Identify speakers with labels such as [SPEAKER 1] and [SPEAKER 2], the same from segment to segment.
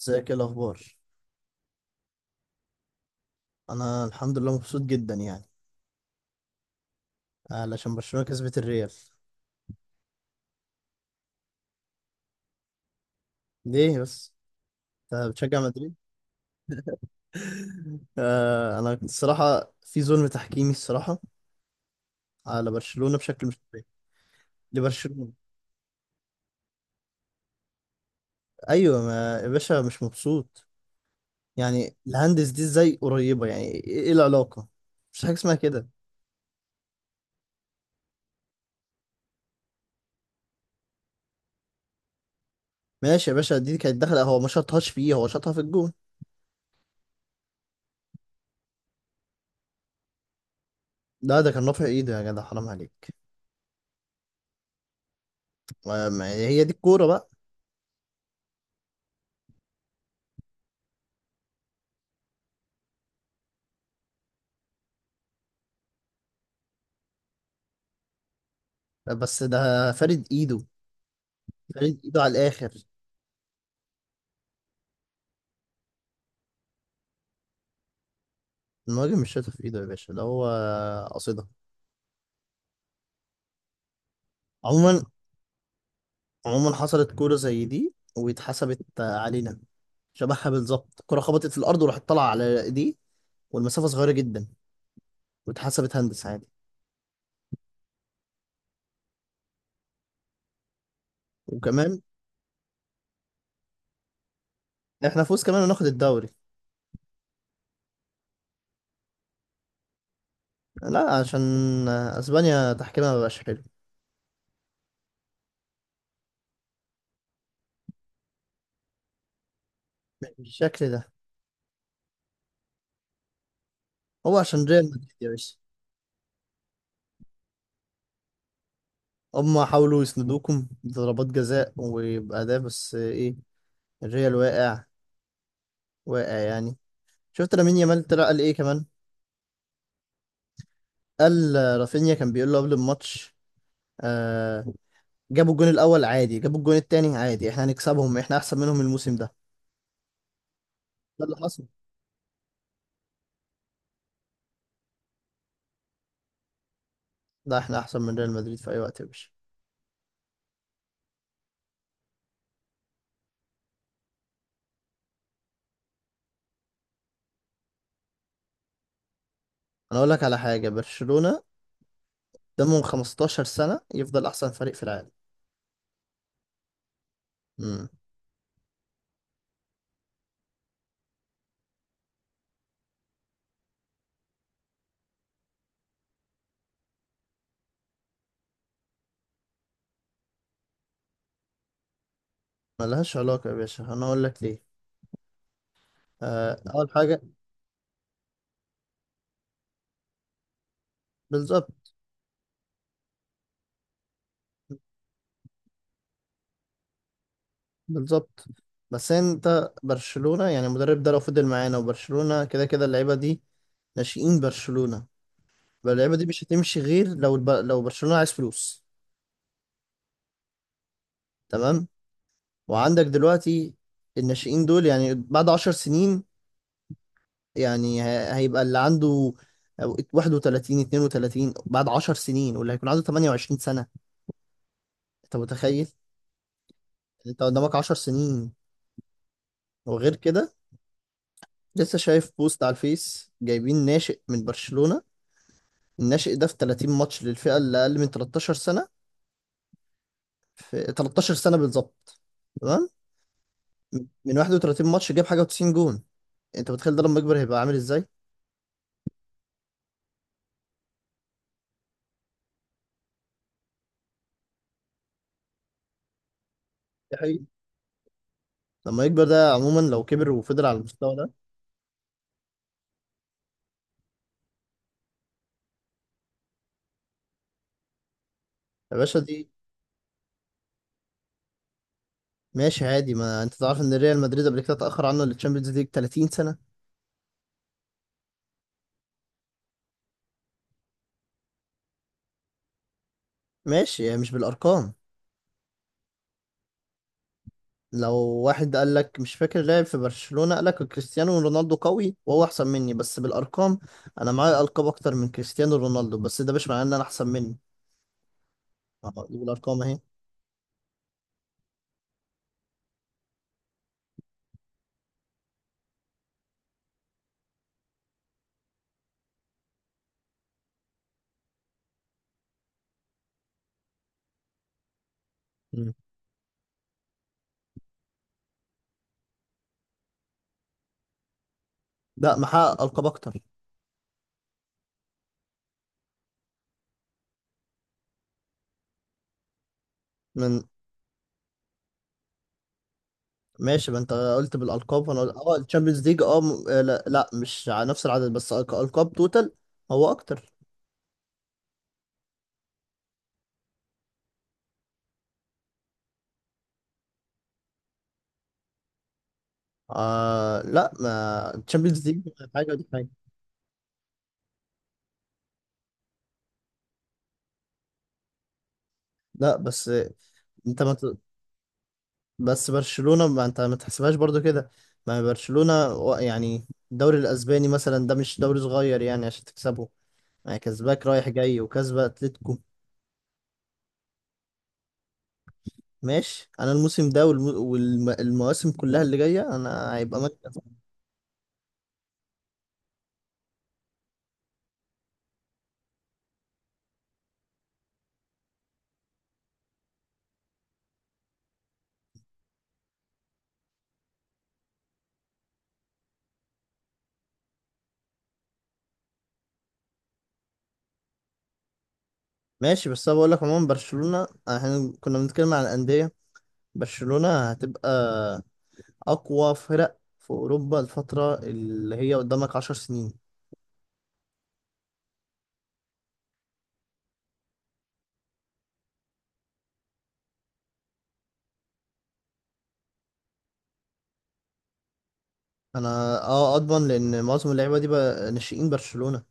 [SPEAKER 1] ازيك؟ ايه الاخبار؟ انا الحمد لله مبسوط جدا يعني. علشان برشلونة كسبت الريال. ليه بس؟ انت بتشجع مدريد؟ آه، انا كنت الصراحه في ظلم تحكيمي الصراحه على برشلونة بشكل مش طبيعي. لبرشلونة. ايوه ما يا باشا، مش مبسوط. يعني الهندس دي ازاي قريبه؟ يعني ايه العلاقه؟ مش حاجه اسمها كده. ماشي يا باشا، دي كانت داخله، هو ما شاطهاش فيه، هو شاطها في الجون. لا ده كان رافع ايده يا جدع، حرام عليك. هي دي الكوره بقى. بس ده فارد ايده. فريد ايده على الاخر. المهاجم مش شايطها في ايده يا باشا، ده هو قصدها. عموما عموما حصلت كوره زي دي واتحسبت علينا. شبهها بالظبط، الكره خبطت في الارض وراحت طالعه على ايديه والمسافه صغيره جدا، واتحسبت هندس عادي. وكمان. احنا فوز كمان وناخد الدوري. لا عشان اسبانيا تحكيمها مبقاش حلو. بالشكل ده. هو عشان ريال مدريد يا باشا. هما حاولوا يسندوكم بضربات جزاء وبأداء، بس ايه، الريال واقع. واقع يعني. شفت لامين يامال طلع قال ايه كمان؟ قال رافينيا كان بيقول له قبل الماتش. آه. جابوا الجون الاول عادي، جابوا الجون التاني عادي، احنا هنكسبهم، احنا احسن منهم الموسم ده. ده اللي حصل. لا احنا احسن من ريال مدريد في اي وقت يا باشا. انا اقول لك على حاجه، برشلونه ده من 15 سنه يفضل احسن فريق في العالم. امم. ملهاش علاقه يا باشا، انا اقول لك ليه. آه، اول حاجه. بالظبط. بالظبط. بس انت برشلونه يعني، المدرب ده لو فضل معانا، وبرشلونه كده كده اللعيبه دي ناشئين برشلونه. اللعيبه دي مش هتمشي غير لو لو برشلونه عايز فلوس. تمام. وعندك دلوقتي الناشئين دول يعني بعد 10 سنين. يعني هيبقى اللي عنده 31 32 بعد 10 سنين، واللي هيكون عنده 28 سنه. انت متخيل؟ يعني انت قدامك 10 سنين. وغير كده، لسه شايف بوست على الفيس جايبين ناشئ من برشلونه. الناشئ ده في 30 ماتش للفئه اللي اقل من 13 سنه، في 13 سنه بالظبط. تمام. من 31 ماتش جاب حاجه و90 جون. انت متخيل ده لما يكبر هيبقى عامل ازاي؟ ده حقيقي. لما يكبر ده، عموما لو كبر وفضل على المستوى ده. يا باشا دي. ماشي عادي، ما انت تعرف ان ريال مدريد قبل كده اتأخر عنه للتشامبيونز ليج 30 سنة. ماشي، يعني مش بالارقام. لو واحد قال لك، مش فاكر لاعب في برشلونة، قال لك كريستيانو رونالدو قوي وهو احسن مني بس بالارقام، انا معايا القاب اكتر من كريستيانو رونالدو، بس ده مش معناه ان انا احسن منه. اه، دي بالارقام اهي. مم. ده محقق القاب اكتر. من. ماشي، ما انت قلت بالالقاب، فانا قلت الشامبيونز ليج لا, لا مش على نفس العدد، بس القاب توتال. هو اكتر. آه لا، ما الشامبيونز ليج حاجه ودي حاجه. لا بس انت ما ت- بس برشلونه، ما انت ما تحسبهاش برضو كده. ما برشلونه يعني الدوري الاسباني مثلا ده مش دوري صغير يعني عشان تكسبه. يعني كسباك رايح جاي وكسبه اتلتيكو. ماشي، انا الموسم ده والمواسم كلها اللي جايه انا هيبقى مكسب. ماشي بس انا بقول لك عموما، برشلونة احنا كنا بنتكلم عن الأندية. برشلونة هتبقى أقوى فرق في أوروبا الفترة اللي هي قدامك 10 سنين. أنا أه أضمن لأن معظم اللعيبة دي بقى ناشئين برشلونة.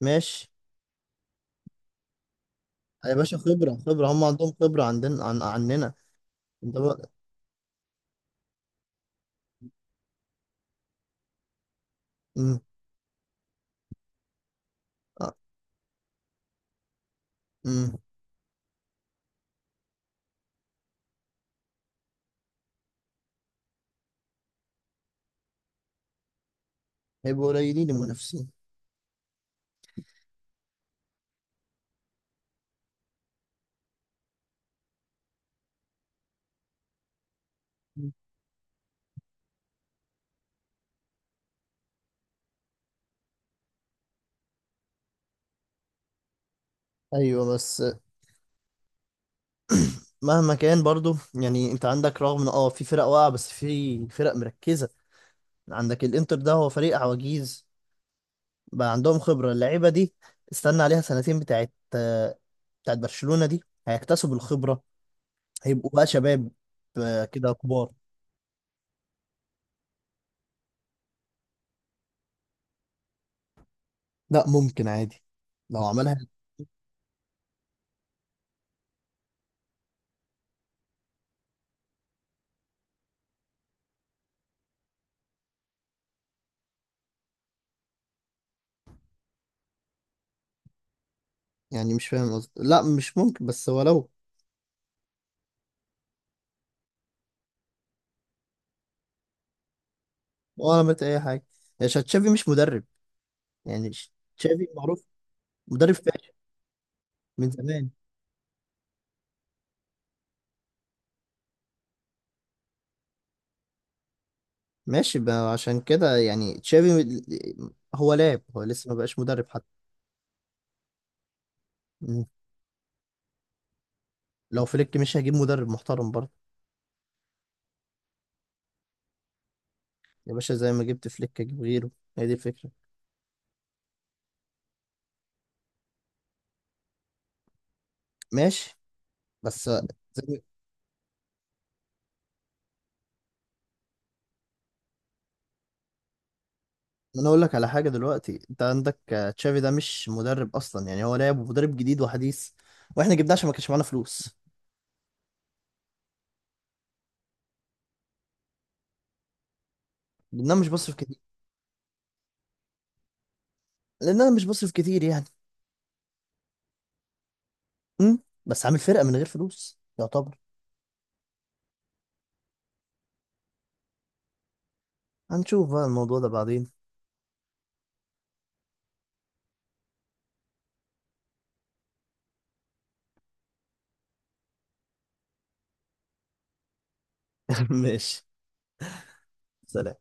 [SPEAKER 1] ماشي يا باشا، خبرة خبرة هم عندهم خبرة، عندنا عننا. أنت بقى. أمم. آه. أمم. هيبقوا قليلين المنافسين. ايوه بس، مهما كان برضو يعني، انت عندك رغم ان في فرق واقعه بس في فرق مركزه. عندك الانتر، ده هو فريق عواجيز. بقى عندهم خبرة اللعيبة دي. استنى عليها سنتين بتاعت بتاعت برشلونة دي. هيكتسبوا الخبرة. هيبقوا بقى شباب، آه، كده كبار. لا ممكن عادي لو عملها. يعني مش فاهم قصدي، لا مش ممكن، بس هو لو. هو عملت اي حاجة؟ تشافي مش مدرب. يعني تشافي معروف مدرب فاشل من زمان. ماشي بقى، عشان كده يعني تشافي، هو لاعب، هو لسه ما بقاش مدرب حتى. مم. لو فليك، مش هجيب مدرب محترم برضه؟ يا باشا، زي ما جبت فليك اجيب غيره. هي دي الفكرة. ماشي بس. زي ما انا اقول لك على حاجه دلوقتي، انت عندك تشافي ده مش مدرب اصلا يعني، هو لاعب ومدرب جديد وحديث. واحنا جبناه عشان ما كانش معانا فلوس. لان انا مش بصرف كتير. لان انا مش بصرف كتير يعني. امم بس عامل فرقه من غير فلوس يعتبر. هنشوف بقى الموضوع ده بعدين. ماشي. سلام.